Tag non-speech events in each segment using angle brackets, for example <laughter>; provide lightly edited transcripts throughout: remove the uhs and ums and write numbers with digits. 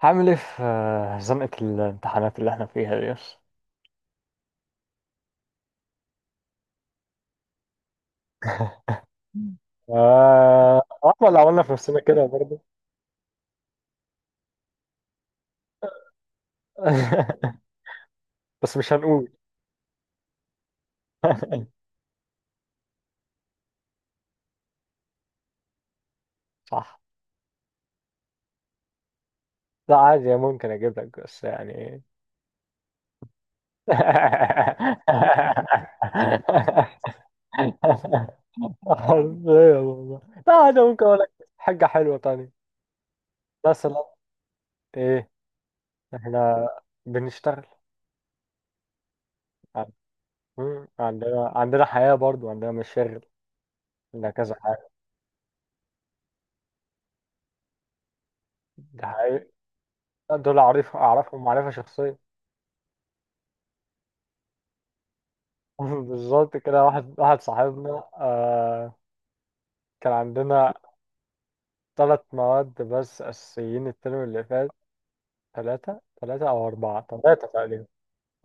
هعمل ايه في زنقة الامتحانات اللي احنا فيها دي بس. <laughs> آه، احنا اللي عملنا في نفسنا كده برضه. <laughs> بس مش هنقول. <laughs> صح. لا عادي ممكن اجيب لك بس يعني. <laughs> حرفيا والله. لا عادي ممكن اقول لك حاجة حلوة تانية. مثلا ايه؟ احنا بنشتغل عن- عندنا حياة برضه، عندنا مشاغل، عندنا كذا حاجة. ده دول أعرفهم معرفة شخصية. <laughs> بالظبط كده. واحد واحد صاحبنا كان عندنا ثلاث مواد بس أساسيين الترم اللي فات، ثلاثة ثلاثة أو أربعة ثلاثة تقريبا.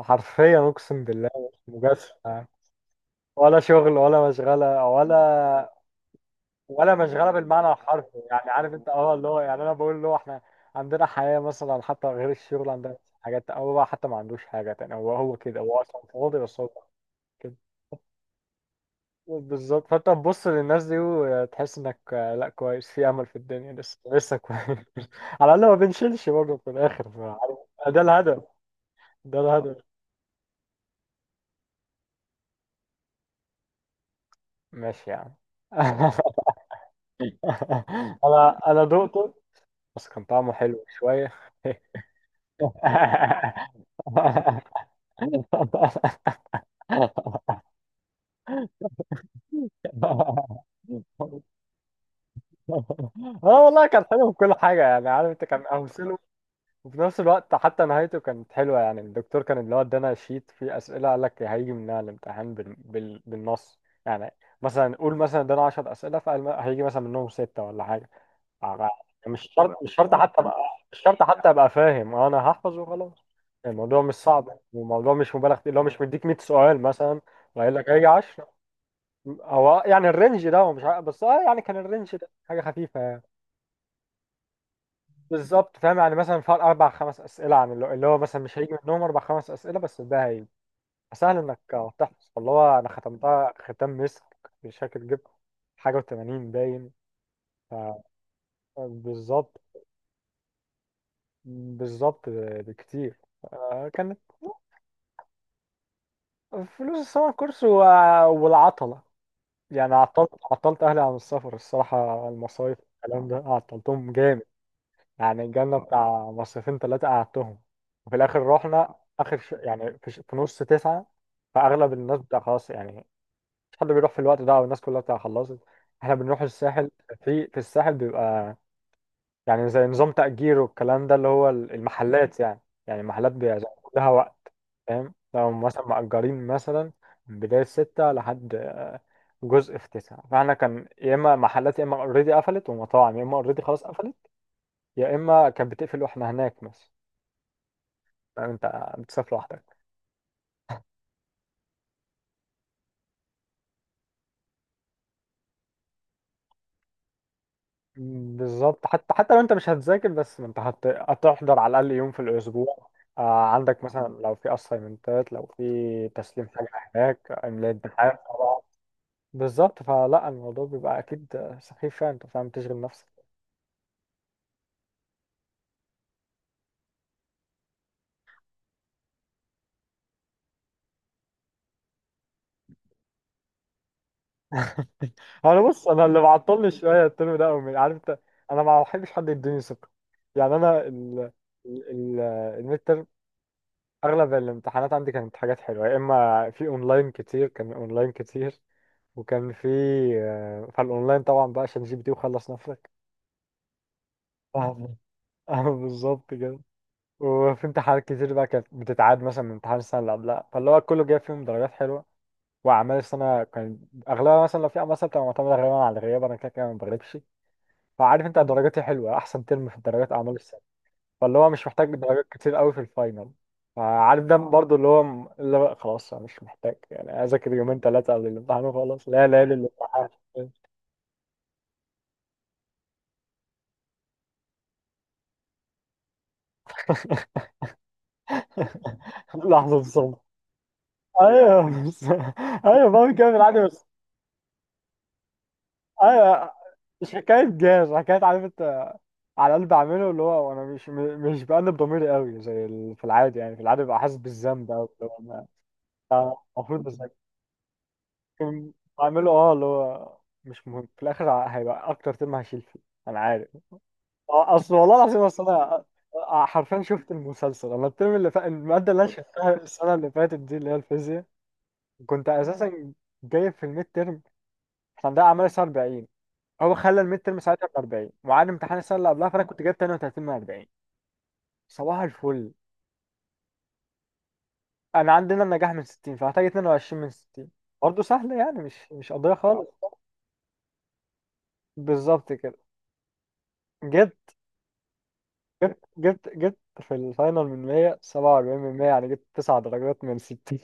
حرفيا أقسم بالله مش مجازفة يعني. ولا شغل ولا مشغلة ولا ولا مشغلة بالمعنى الحرفي. يعني عارف أنت، أه اللي هو يعني أنا بقول له إحنا عندنا حياة مثلا، حتى غير الشغل عندنا حاجات. أو هو بقى حتى ما عندوش حاجة تاني، هو كده، هو أصلا فاضي بس هو كده. بالظبط. فانت تبص للناس دي وتحس انك، لا كويس، في امل في الدنيا لسه، لسه كويس. <laughs> على الاقل ما بنشيلش برضه في الاخر. عارف، ده الهدف، ده الهدف. ماشي يعني. <laughs> انا دقته بس كان طعمه حلو شويه. <laughs> اه والله كان حلو في كل حاجه. يعني عارف انت، كان امثله، وفي نفس الوقت حتى نهايته كانت حلوة. يعني الدكتور كان اللي هو ادانا شيت فيه أسئلة، قال لك هيجي منها الامتحان بالنص، يعني مثلا قول مثلا ادانا 10 أسئلة، فقال هيجي مثلا منهم ستة ولا حاجة. مش شرط مش شرط حتى ابقى، مش شرط حتى ابقى فاهم، انا هحفظ وخلاص. يعني الموضوع مش صعب، والموضوع مش مبالغ فيه، اللي هو مش مديك 100 سؤال مثلا وقايل لك هيجي 10. هو يعني الرينج ده هو مش عارف، بس اه يعني كان الرينج ده حاجة خفيفة يعني. بالظبط. فاهم يعني مثلا فرق اربع خمس اسئله عن اللي هو مثلا مش هيجي منهم اربع خمس اسئله، بس ده هيجي سهل انك تحفظ. فاللي هو انا ختمتها ختام مسك. مش فاكر جبت حاجه و80 باين. ف- بالظبط، بالظبط بكتير. كانت فلوس السمر كورس والعطله. يعني عطلت اهلي عن السفر الصراحه، المصايف الكلام ده عطلتهم جامد. يعني الجنة بتاع مصيفين ثلاثة قعدتهم، وفي الآخر رحنا آخر يعني في, ش... في نص تسعة، فأغلب الناس بتاع خلاص يعني، مش حد بيروح في الوقت ده، أو الناس كلها بتاع خلصت. إحنا بنروح الساحل. في الساحل بيبقى يعني زي نظام تأجير والكلام ده، اللي هو المحلات يعني. يعني المحلات بيبقى زي كلها وقت. فاهم لو مثلا مأجرين مثلا من بداية ستة لحد جزء في تسعة، فاحنا كان يا إما محلات يا إما أوريدي قفلت، ومطاعم يا إما أوريدي خلاص قفلت، يا اما كانت بتقفل واحنا هناك مثلا. فاهم انت بتسافر لوحدك. بالظبط. حتى لو انت مش هتذاكر، بس ما انت هتحضر على الاقل يوم في الاسبوع، آه، عندك مثلا لو في اسايمنتات، لو في تسليم حاجه، هناك املاء امتحان طبعا. بالظبط. فلا الموضوع بيبقى اكيد سخيف فعلا، انت فاهم تشغل نفسك. <laughs> انا بص، انا اللي معطلني <laughs> شويه الترم ده أوي، عارف انت. انا ما بحبش حد يديني ثقه. يعني انا ال ال- الميد، اغلب الامتحانات عندي كانت حاجات حلوه، يا اما في اونلاين كتير، كان اونلاين كتير وكان في، فالاونلاين طبعا بقى عشان جي بي تي وخلص نفسك. فاهمة. <laughs> اه بالظبط كده. وفي امتحانات كتير بقى كانت بتتعاد مثلا من امتحان السنه اللي قبلها، فاللي هو كله جايب فيهم درجات حلوه. واعمال السنه كان اغلبها مثلا لو في اعمال سنه بتبقى معتمده غالبا على الغياب، انا كده كده ما بغلبش. فعارف انت درجاتي حلوه، احسن ترم في الدرجات اعمال، فاللي هو مش محتاج درجات كتير قوي في الفاينل. فعارف ده برضو اللي هو اللي هو خلاص انا مش محتاج يعني اذاكر يومين ثلاثه قبل الامتحان وخلاص، لا لا للامتحان. <laughs> لحظه صمت. ايوه بس، ايوه بعمل كده في العادي بس. ايوه مش حكايه جاز، حكايه عارف انت، على قلب بعمله، اللي هو انا مش بأنب ضميري قوي زي في العادي. يعني في العادي ببقى حاسس بالذنب قوي اللي هو أنا المفروض، بس لكن بعمله اه اللي هو مش مهم. في الاخر هيبقى اكتر ترم هشيل فيه، انا عارف. اصل والله العظيم، اصل انا حرفيا شفت المسلسل، انا الترم اللي فات الماده اللي انا شفتها السنه اللي فاتت دي اللي هي الفيزياء، كنت اساسا جايب في الميد ترم، احنا عندنا اعمال الساعه 40، هو خلى الميد ترم ساعتها ب 40، وعاد امتحان السنه اللي قبلها، فانا كنت جايب 32 من 40. صباح الفل. انا عندنا النجاح من 60، فهحتاج 22 من 60. برضه سهل يعني، مش قضيه خالص. بالظبط كده. جبت جبت في الفاينل من 100 47 من 100، يعني جبت 9 درجات من 60.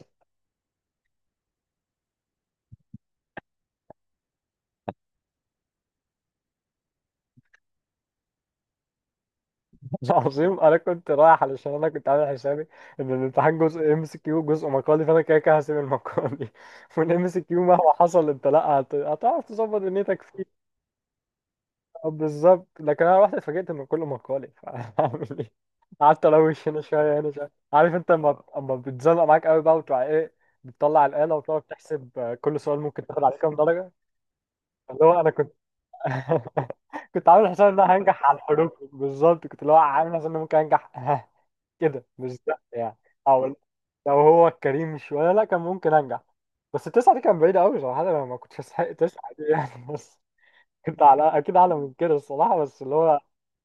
<laughs> عظيم. انا كنت رايح علشان انا كنت عامل حسابي ان الامتحان جزء ام اس كيو جزء مقالي، فانا كده كده هسيب المقالي، <laughs> والام اس كيو مهما حصل انت لا هتعرف تظبط دنيتك فيه. بالظبط. لكن انا رحت اتفاجئت ان كله مقالي. <laughs> فاعمل ايه، قعدت الوش هنا شويه هنا شويه، عارف انت، اما بتزنق معاك قوي بقى، وتروح ايه، بتطلع الاله وتقعد تحسب كل سؤال ممكن تاخد عليه كام درجه. اللي هو انا كنت <laughs> كنت عامل حساب ان انا هنجح على الحروف. بالظبط كنت اللي هو عامل حساب ان أنا ممكن انجح. <laughs> كده مش ده يعني. او لو هو الكريم شويه لا كان ممكن انجح، بس التسعه دي كان بعيده قوي صراحه، انا ما كنتش استحق تسعه دي يعني. <laughs> بس كنت على اكيد اعلى من كده الصراحه، بس اللي هو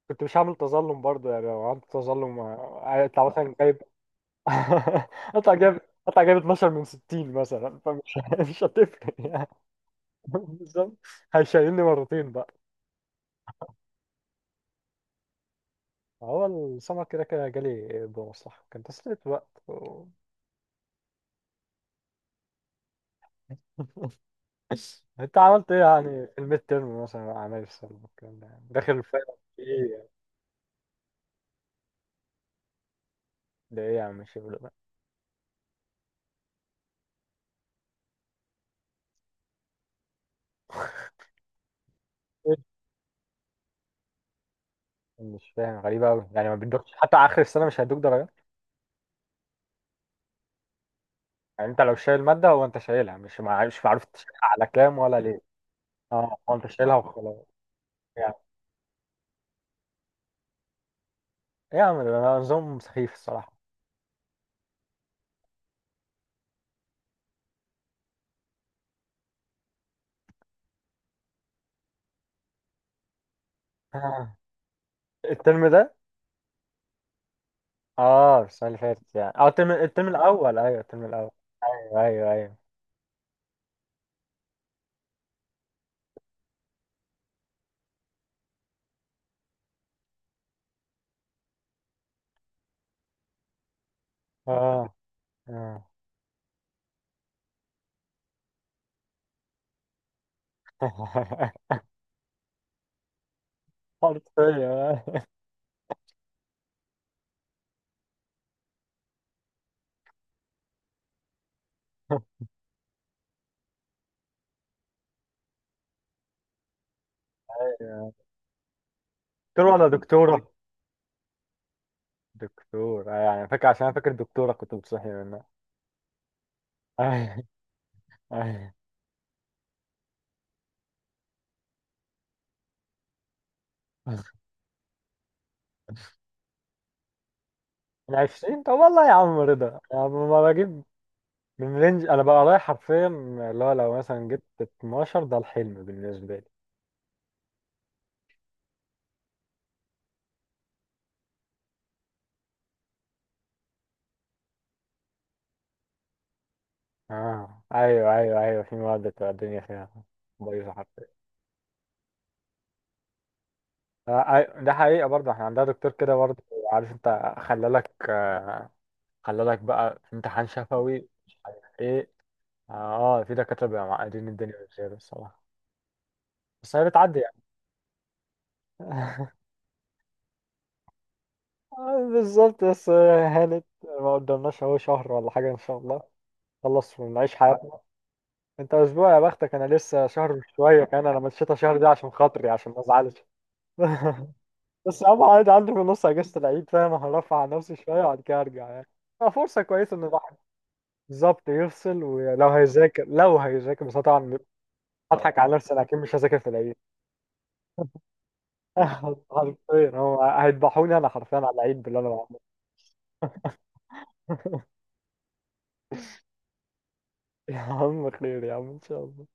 كنت مش هعمل تظلم برضه يعني. لو عملت تظلم انت مثلا جايب <laughs> قطع جايب قطع جايب 12 من 60 مثلا، فمش <laughs> مش هتفرق يعني. <laughs> بالظبط. هيشيلني مرتين بقى. هو السمر كده كده جالي بمصلحة، كان تسلية وقت. <laughs> انت عملت ايه يعني في الميد تيرم مثلا مع اعمال السنه والكلام ده يعني؟ داخل فاهم في ايه يعني؟ ده ايه يا عم الشغل ده؟ إيه؟ مش فاهم. غريبه قوي يعني، ما بيدوكش حتى اخر السنه مش هيدوك درجات؟ يعني انت لو شايل ماده، هو انت شايلها مش مش معروف أنت شايلها على كام ولا ليه؟ اه هو انت شايلها وخلاص يعني. ايه يا عم ده، أنا نظام سخيف الصراحه. <laughs> آه. الترم ده؟ اه السنه اللي فاتت يعني، اه الترم الاول، ايوه الترم الاول. ايوه ايوه ايوه. اه اه. <laughs> حرفيا. أيوة. دكتور ولا دكتورة؟ دكتور يعني فاكر، عشان أنا فاكر دكتورة كنت بتصحي منها. آه، آه. <laughs> من 20؟ طب والله يا عم رضا، يعني ما بجيب من رينج انا بقى رايح حرفيا، اللي هو لو مثلا جبت 12 ده الحلم بالنسبة لي. اه ايوه ايوه ايوه، في مواد بتبقى الدنيا فيها بايظة حرفيا. ده حقيقة برضه احنا عندنا دكتور كده برضه. عارف انت، خلالك بقى في امتحان شفوي مش عارف ايه. اه في دكاترة بيبقوا معقدين الدنيا بزيادة الصراحة، بس هي بتعدي يعني. <laughs> بالظبط. بس هانت، ما قدامناش اهو شهر ولا حاجة ان شاء الله، خلص ونعيش حياتنا. انت اسبوع يا بختك، انا لسه شهر شوية كمان، انا مشيت شهر دي عشان خاطري عشان ما ازعلش. <laughs> بس يا عم عادي، عندي في النص اجازة العيد فاهم، هرفع عن نفسي شوية وبعد كده ارجع يعني. فرصة كويسة ان الواحد بالظبط يفصل، ولو هيذاكر لو هيذاكر، بس أنا طبعا هضحك على نفسي، انا اكيد مش هذاكر في العيد. <laughs> حرفيا هو هيذبحوني انا حرفيا على العيد باللي انا بعمله. <laughs> يا عم خير يا عم ان شاء الله.